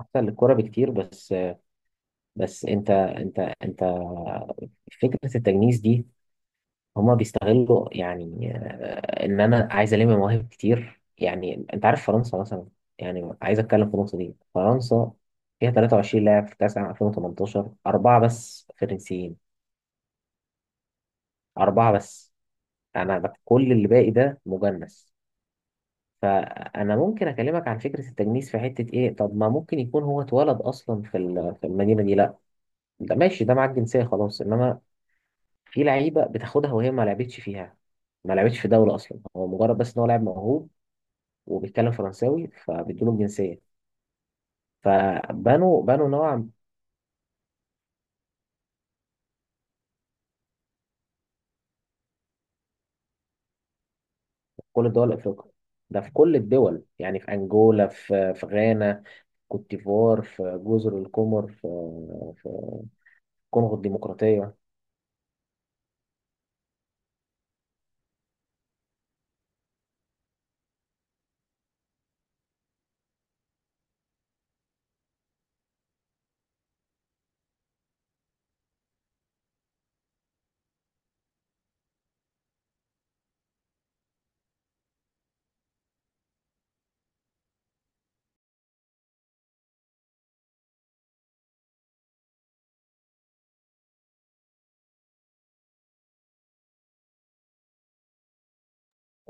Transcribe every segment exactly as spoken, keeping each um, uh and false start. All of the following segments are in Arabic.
احسن للكرة بكتير. بس بس انت انت انت فكرة التجنيس دي هما بيستغلوا، يعني، آه، ان انا عايز الم مواهب كتير. يعني انت عارف فرنسا مثلا، يعني عايز اتكلم في النقطة دي. فرنسا فيها 23 لاعب في كأس العالم ألفين وتمنتاشر، أربعة بس فرنسيين. أربعة بس. أنا بك- كل اللي باقي ده مجنس. فأنا ممكن أكلمك عن فكرة التجنيس في حتة إيه. طب ما ممكن يكون هو اتولد أصلا في ال- في المدينة دي. لأ، ده ماشي، ده معاك جنسية خلاص، إنما في لعيبه بتاخدها وهي ما لعبتش فيها، ما لعبتش في دوله اصلا. هو مجرد بس ان هو لاعب موهوب وبيتكلم فرنساوي فبيدوله الجنسيه. فبنوا بنوا نوعا. في كل الدول الافريقيه. ده في كل الدول، يعني في انجولا، في في غانا، كوت ديفوار، في جزر القمر، في في الكونغو الديمقراطيه.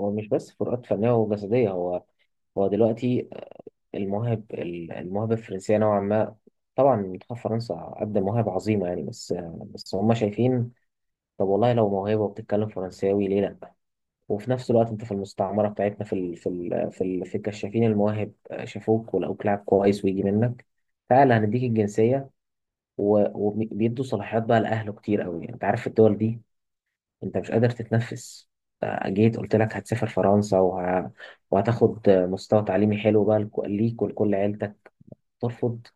هو مش بس فروقات فنيه وجسديه. هو هو دلوقتي المواهب المواهب الفرنسيه نوعا ما. طبعا منتخب فرنسا قدم مواهب عظيمه، يعني. بس بس هم شايفين، طب والله لو موهبة وبتتكلم فرنساوي، ليه لأ؟ وفي نفس الوقت أنت في المستعمرة بتاعتنا، في ال... في ال... في, ال... في الكشافين المواهب، آه، شافوك ولقوك لاعب كويس ويجي منك. تعالى هنديك الجنسية، و... وبيدوا صلاحيات بقى لأهله كتير أوي، يعني. أنت عارف في الدول دي أنت مش قادر تتنفس. آه، جيت قلت لك هتسافر فرنسا وه... وهتاخد آه، مستوى تعليمي حلو بقى لك- ليك ولكل عيلتك. ترفض؟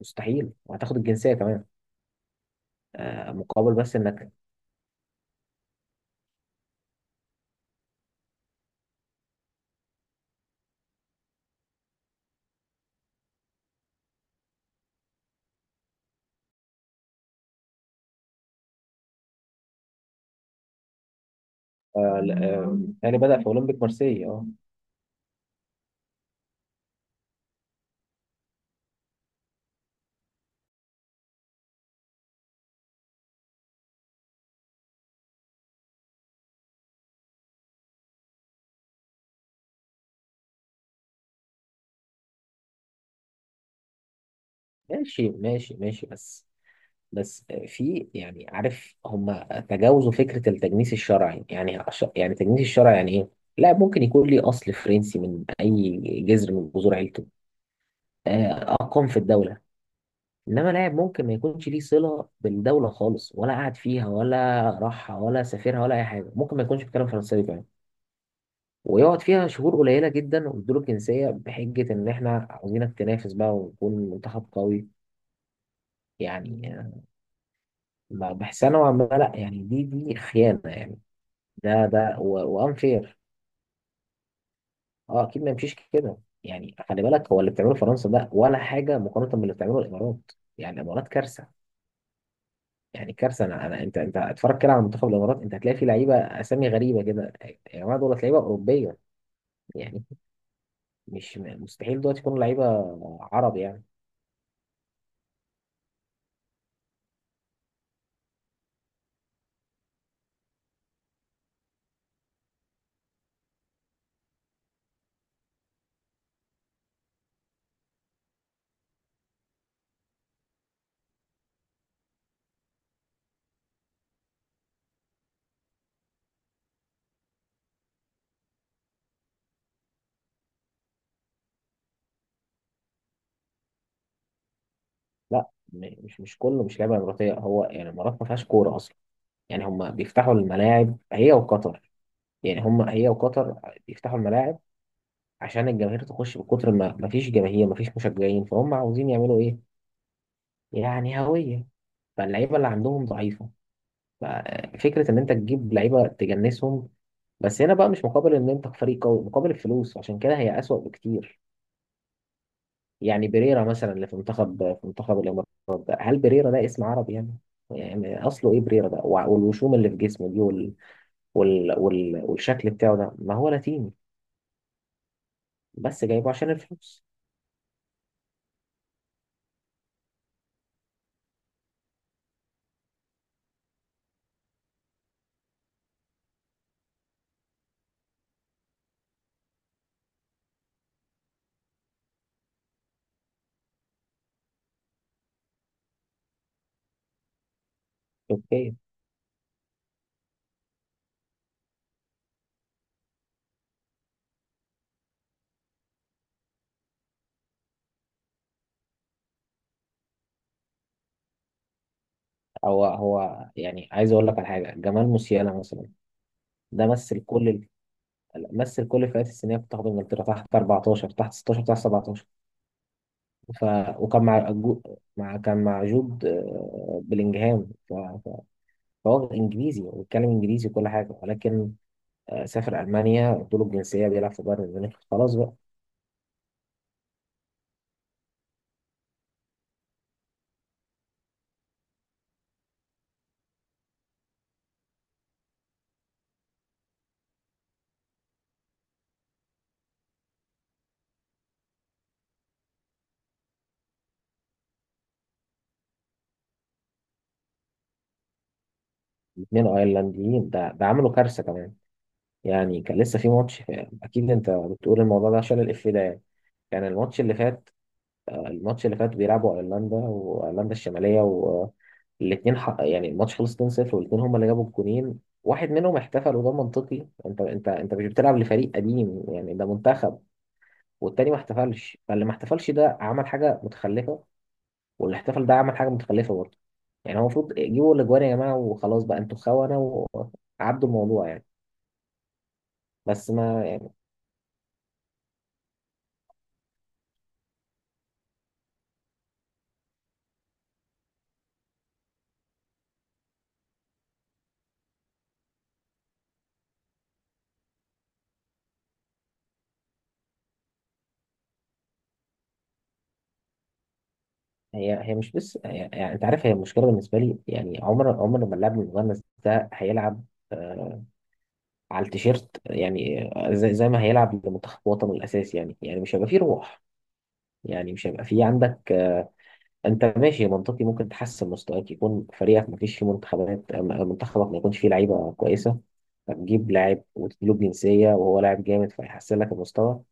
مستحيل. وهتاخد الجنسية كمان، آه، مقابل بس إنك. آه، ل- آه، يعني بدأ في أولمبيك مارسيليا أه ماشي ماشي ماشي، بس بس في، يعني، عارف هم تجاوزوا فكرة التجنيس الشرعي. يعني عش- يعني تجنيس الشرعي يعني ايه؟ لا، ممكن يكون لي اصل فرنسي من اي جذر من جذور عيلته، آه، اقام في الدولة. انما لاعب ممكن ما يكونش ليه صلة بالدولة خالص، ولا قعد فيها، ولا راحها، ولا سافرها، ولا اي حاجة. ممكن ما يكونش بيتكلم فرنساوي كمان، ويقعد فيها شهور قليلة جدا ويدوله الجنسية بحجة ان احنا عاوزينك تنافس بقى وتكون منتخب قوي. يعني، ما بحسها نوعا ما. لا يعني، دي دي خيانة، يعني. ده ده وانفير. اه، اكيد ما يمشيش كده. يعني خلي بالك، هو اللي بتعمله فرنسا ده ولا حاجة مقارنة باللي بتعمله الامارات. يعني الامارات كارثة. يعني كارثة. انا, أنا انت انت اتفرج كده على منتخب الامارات. انت هتلاقي فيه لعيبة اسامي غريبة كده. يا جماعة، دول لعيبة اوروبية. يعني مش مستحيل دلوقتي يكونوا لعيبة عرب، يعني. لا، م- مش مش كله، مش لعيبة اماراتية. هو يعني الامارات ما فيهاش كورة اصلا. يعني هم بيفتحوا الملاعب هي وقطر. يعني هم هي وقطر بيفتحوا الملاعب عشان الجماهير تخش بكتر. ما مفيش جماهير، مفيش مشجعين، فهم عاوزين يعملوا ايه، يعني هوية. فاللعيبة اللي عندهم ضعيفة. ففكرة ان انت تجيب لعيبة تجنسهم، بس هنا بقى مش مقابل ان انت فريق قوي، مقابل الفلوس. عشان كده هي أسوأ بكتير. يعني بيريرا مثلا اللي في منتخب، في منتخب الامارات ده، هل بيريرا ده اسم عربي يعني؟ يعني اصله ايه بريرا ده؟ وع- والوشوم اللي في جسمه دي وال... وال... وال... والشكل بتاعه ده ما هو لاتيني. بس جايبه عشان الفلوس. اوكي. هو هو يعني عايز اقول لك على حاجه. جمال موسيالا مثلا، ده مثل كل ال... مثل كل الفئات السنيه بتاخد انجلترا، تحت أربعة عشر، تحت ستاشر، تحت سبعة عشر. ف... وكان مع جو... مع كان مع جود آه، بلينجهام. ف... ف... فهو انجليزي وبيتكلم انجليزي وكل حاجه، ولكن آه، سافر المانيا، ادوله الجنسيه، بيلعب في بايرن ميونخ. خلاص بقى. الاثنين ايرلنديين. ده ده عملوا كارثه كمان. يعني كان لسه في ماتش، آه، اكيد انت بتقول الموضوع ده عشان الاف ده، يعني. كان الماتش اللي فات، الماتش اللي فات بيلعبوا ايرلندا وايرلندا الشماليه، والاثنين حق... يعني الماتش خلص اتنين صفر. والاثنين هم اللي جابوا الجونين. واحد منهم احتفل، وده منطقي. انت انت انت مش بتلعب لفريق قديم، يعني ده منتخب. والتاني ما احتفلش. فاللي ما احتفلش ده عمل حاجه متخلفه، واللي احتفل ده عمل حاجه متخلفه برضه. يعني، هو المفروض جيبوا الاجوان يا جماعه وخلاص، بقى انتوا خونه وعدوا الموضوع، يعني. بس ما يعني. هي هي مش بس، يعني, يعني, انت عارف هي المشكله بالنسبه لي. يعني، عمر عمر ما اللاعب المغمس ده هيلعب آه، على التيشيرت يعني زي, زي ما هيلعب لمنتخب وطنه الاساسي. يعني يعني مش هيبقى فيه روح. يعني مش هيبقى فيه عندك آه، انت ماشي منطقي، ممكن تحسن مستواك، يكون فريقك ما فيش فيه منتخبات، آه، منتخبك ما يكونش فيه لعيبه كويسه، هتجيب لاعب وتديله جنسيه وهو لاعب جامد فيحسن لك المستوى.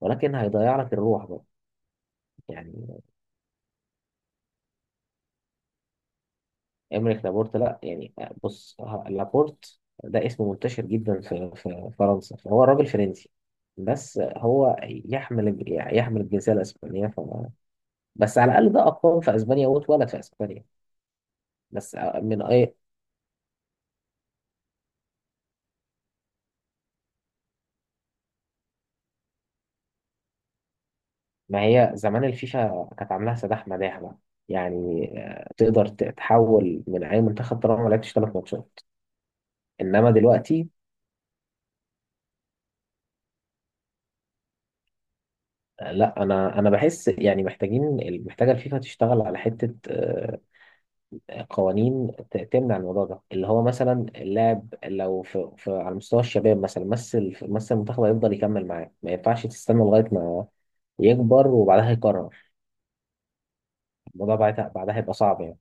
ولكن هيضيع لك الروح بقى، يعني. إمريك لابورت، لا يعني. بص، ه- لابورت ده اسم منتشر جدا في في فرنسا، فهو راجل فرنسي. بس هو يحمل الج- يعني يحمل الجنسية الإسبانية. ف... بس على الأقل ده أقام في أسبانيا واتولد في أسبانيا. بس من أي؟ ما هي زمان الفيفا كانت عاملاها سداح مداح بقى. يعني آه، تقدر ت- تحول من أي منتخب طالما ما لعبتش ثلاث ماتشات. إنما دلوقتي آه، لا. أنا أنا بحس يعني محتاجين محتاجة الفيفا تشتغل على حتة، آه، قوانين، ت- تمنع الموضوع ده. اللي هو مثلا اللاعب لو في, في على مستوى الشباب مثلا، مثل مثل المنتخب هيفضل يكمل معاه. ما ينفعش تستنى لغاية ما يكبر وبعدها يقرر. الموضوع بعدها بعدها هيبقى صعب، يعني.